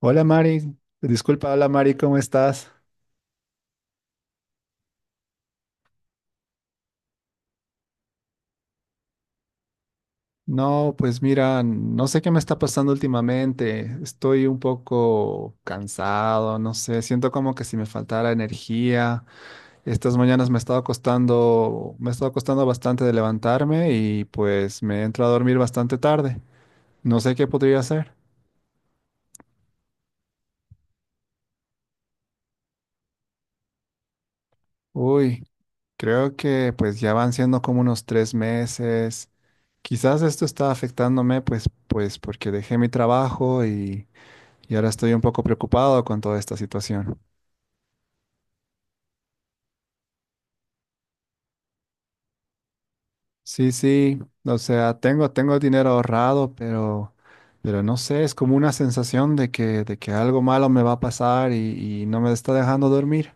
Hola Mari, disculpa, hola Mari, ¿cómo estás? No, pues mira, no sé qué me está pasando últimamente. Estoy un poco cansado, no sé, siento como que si me faltara energía. Estas mañanas me ha estado costando bastante de levantarme y pues me entro a dormir bastante tarde. No sé qué podría hacer. Uy, creo que pues ya van siendo como unos 3 meses. Quizás esto está afectándome, pues porque dejé mi trabajo y ahora estoy un poco preocupado con toda esta situación. Sí, sí, o sea, tengo dinero ahorrado, pero no sé, es como una sensación de que algo malo me va a pasar y no me está dejando dormir.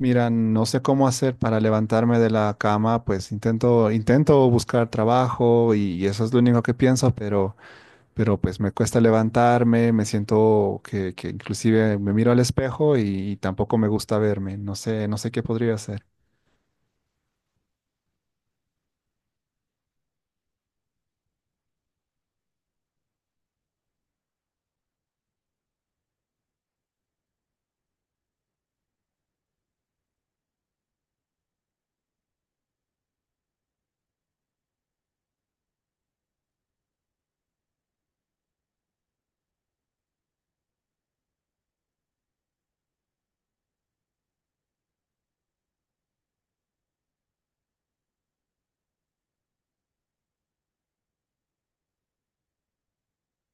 Mira, no sé cómo hacer para levantarme de la cama, pues intento buscar trabajo y eso es lo único que pienso, pero pues me cuesta levantarme, me siento que inclusive me miro al espejo y tampoco me gusta verme. No sé qué podría hacer.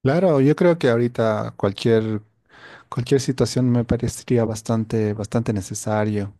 Claro, yo creo que ahorita cualquier situación me parecería bastante, bastante necesario.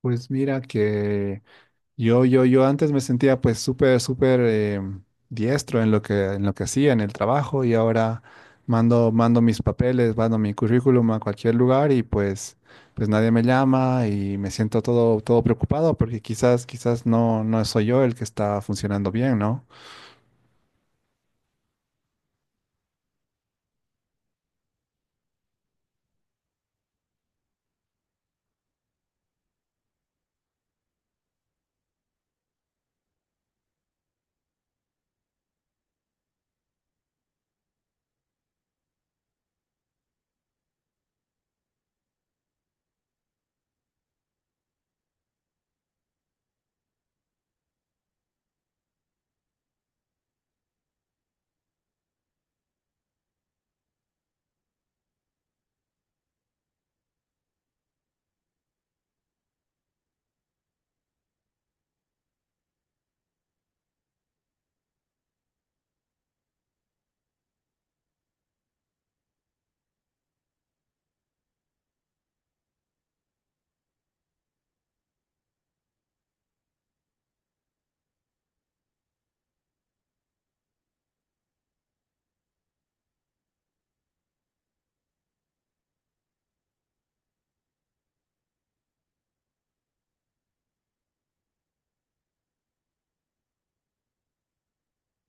Pues mira que yo antes me sentía pues súper, súper diestro en lo que hacía, en el trabajo, y ahora mando mis papeles, mando mi currículum a cualquier lugar y pues nadie me llama y me siento todo, todo preocupado porque quizás no, no soy yo el que está funcionando bien, ¿no?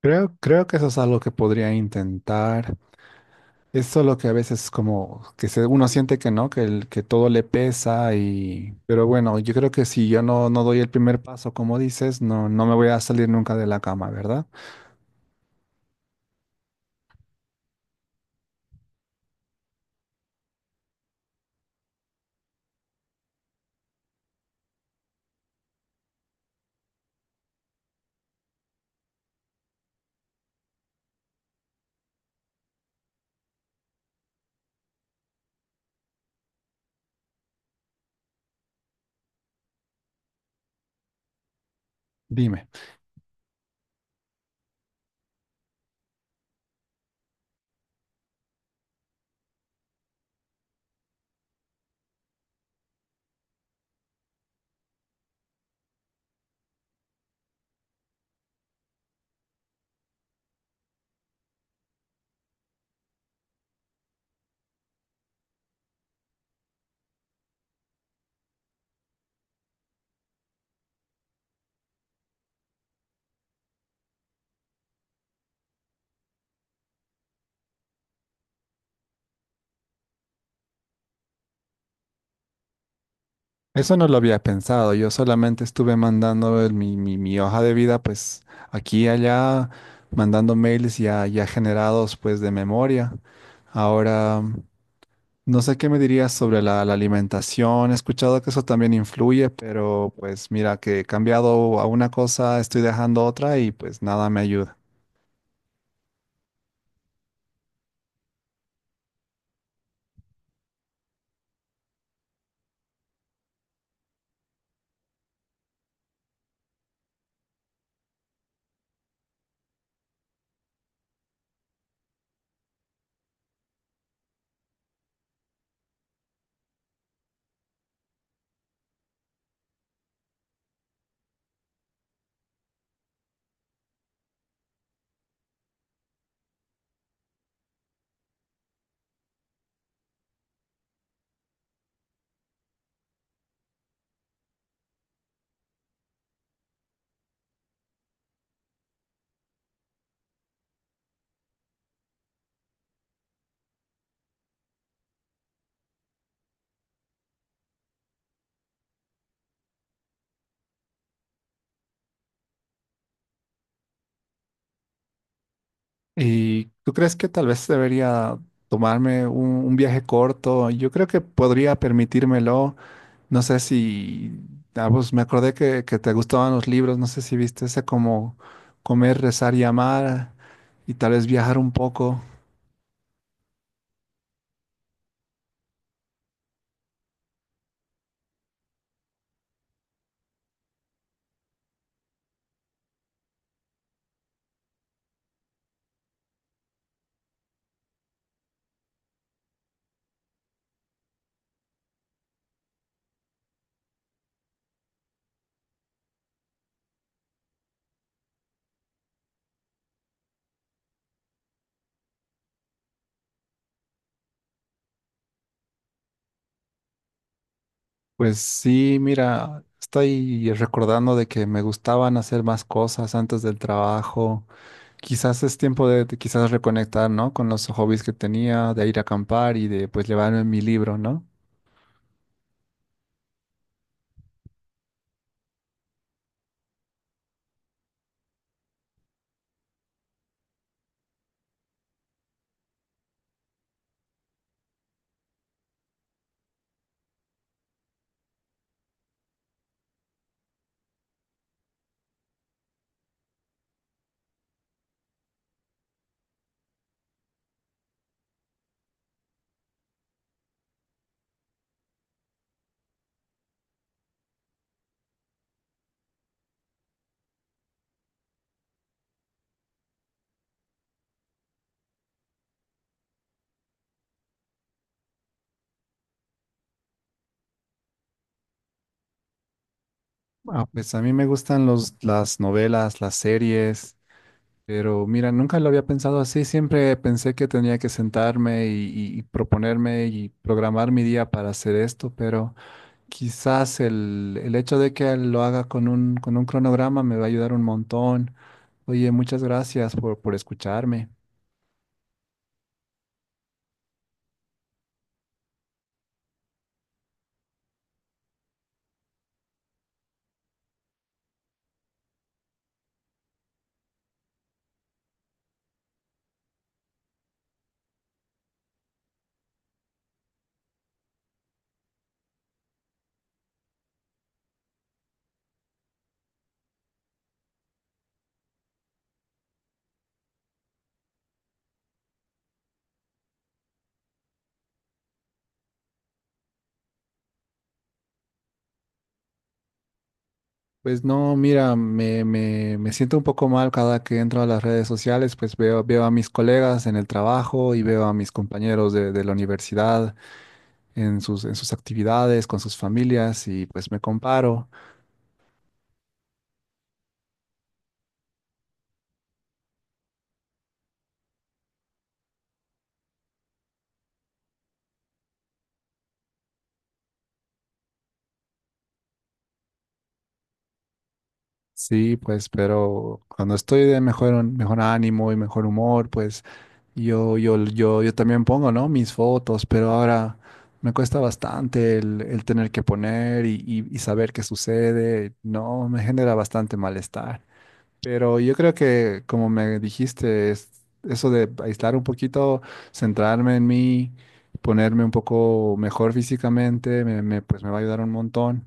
Creo que eso es algo que podría intentar. Es solo que a veces como que uno siente que no, que todo le pesa y. Pero bueno, yo creo que si yo no doy el primer paso, como dices, no me voy a salir nunca de la cama, ¿verdad? Dime, eso no lo había pensado, yo solamente estuve mandando mi hoja de vida pues aquí y allá, mandando mails ya generados pues de memoria. Ahora, no sé qué me dirías sobre la alimentación. He escuchado que eso también influye, pero pues mira que he cambiado a una cosa, estoy dejando otra y pues nada me ayuda. ¿Y tú crees que tal vez debería tomarme un viaje corto? Yo creo que podría permitírmelo. No sé si, Ah, pues me acordé que te gustaban los libros. No sé si viste ese como comer, rezar y amar y tal vez viajar un poco. Pues sí, mira, estoy recordando de que me gustaban hacer más cosas antes del trabajo. Quizás es tiempo de quizás reconectar, ¿no? Con los hobbies que tenía, de ir a acampar y de pues llevarme mi libro, ¿no? Ah, pues a mí me gustan las novelas, las series, pero mira, nunca lo había pensado así. Siempre pensé que tenía que sentarme y proponerme y programar mi día para hacer esto, pero quizás el hecho de que lo haga con un cronograma me va a ayudar un montón. Oye, muchas gracias por escucharme. Pues no, mira, me siento un poco mal cada que entro a las redes sociales, pues veo a mis colegas en el trabajo y veo a mis compañeros de la universidad en sus actividades, con sus familias y pues me comparo. Sí, pues, pero cuando estoy de mejor, mejor ánimo y mejor humor, pues. Yo también pongo, ¿no? Mis fotos, pero ahora me cuesta bastante el tener que poner y saber qué sucede. No, me genera bastante malestar. Pero yo creo que, como me dijiste, es eso de aislar un poquito, centrarme en mí, ponerme un poco mejor físicamente, pues me va a ayudar un montón.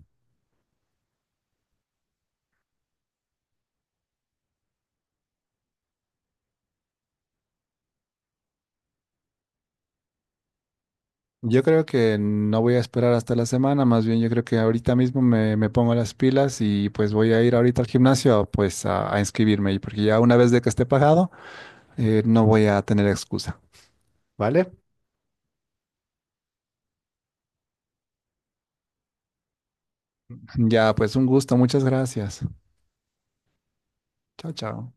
Yo creo que no voy a esperar hasta la semana, más bien yo creo que ahorita mismo me pongo las pilas y pues voy a ir ahorita al gimnasio pues a inscribirme, y porque ya una vez de que esté pagado, no voy a tener excusa, ¿vale? Ya, pues un gusto, muchas gracias. Chao, chao.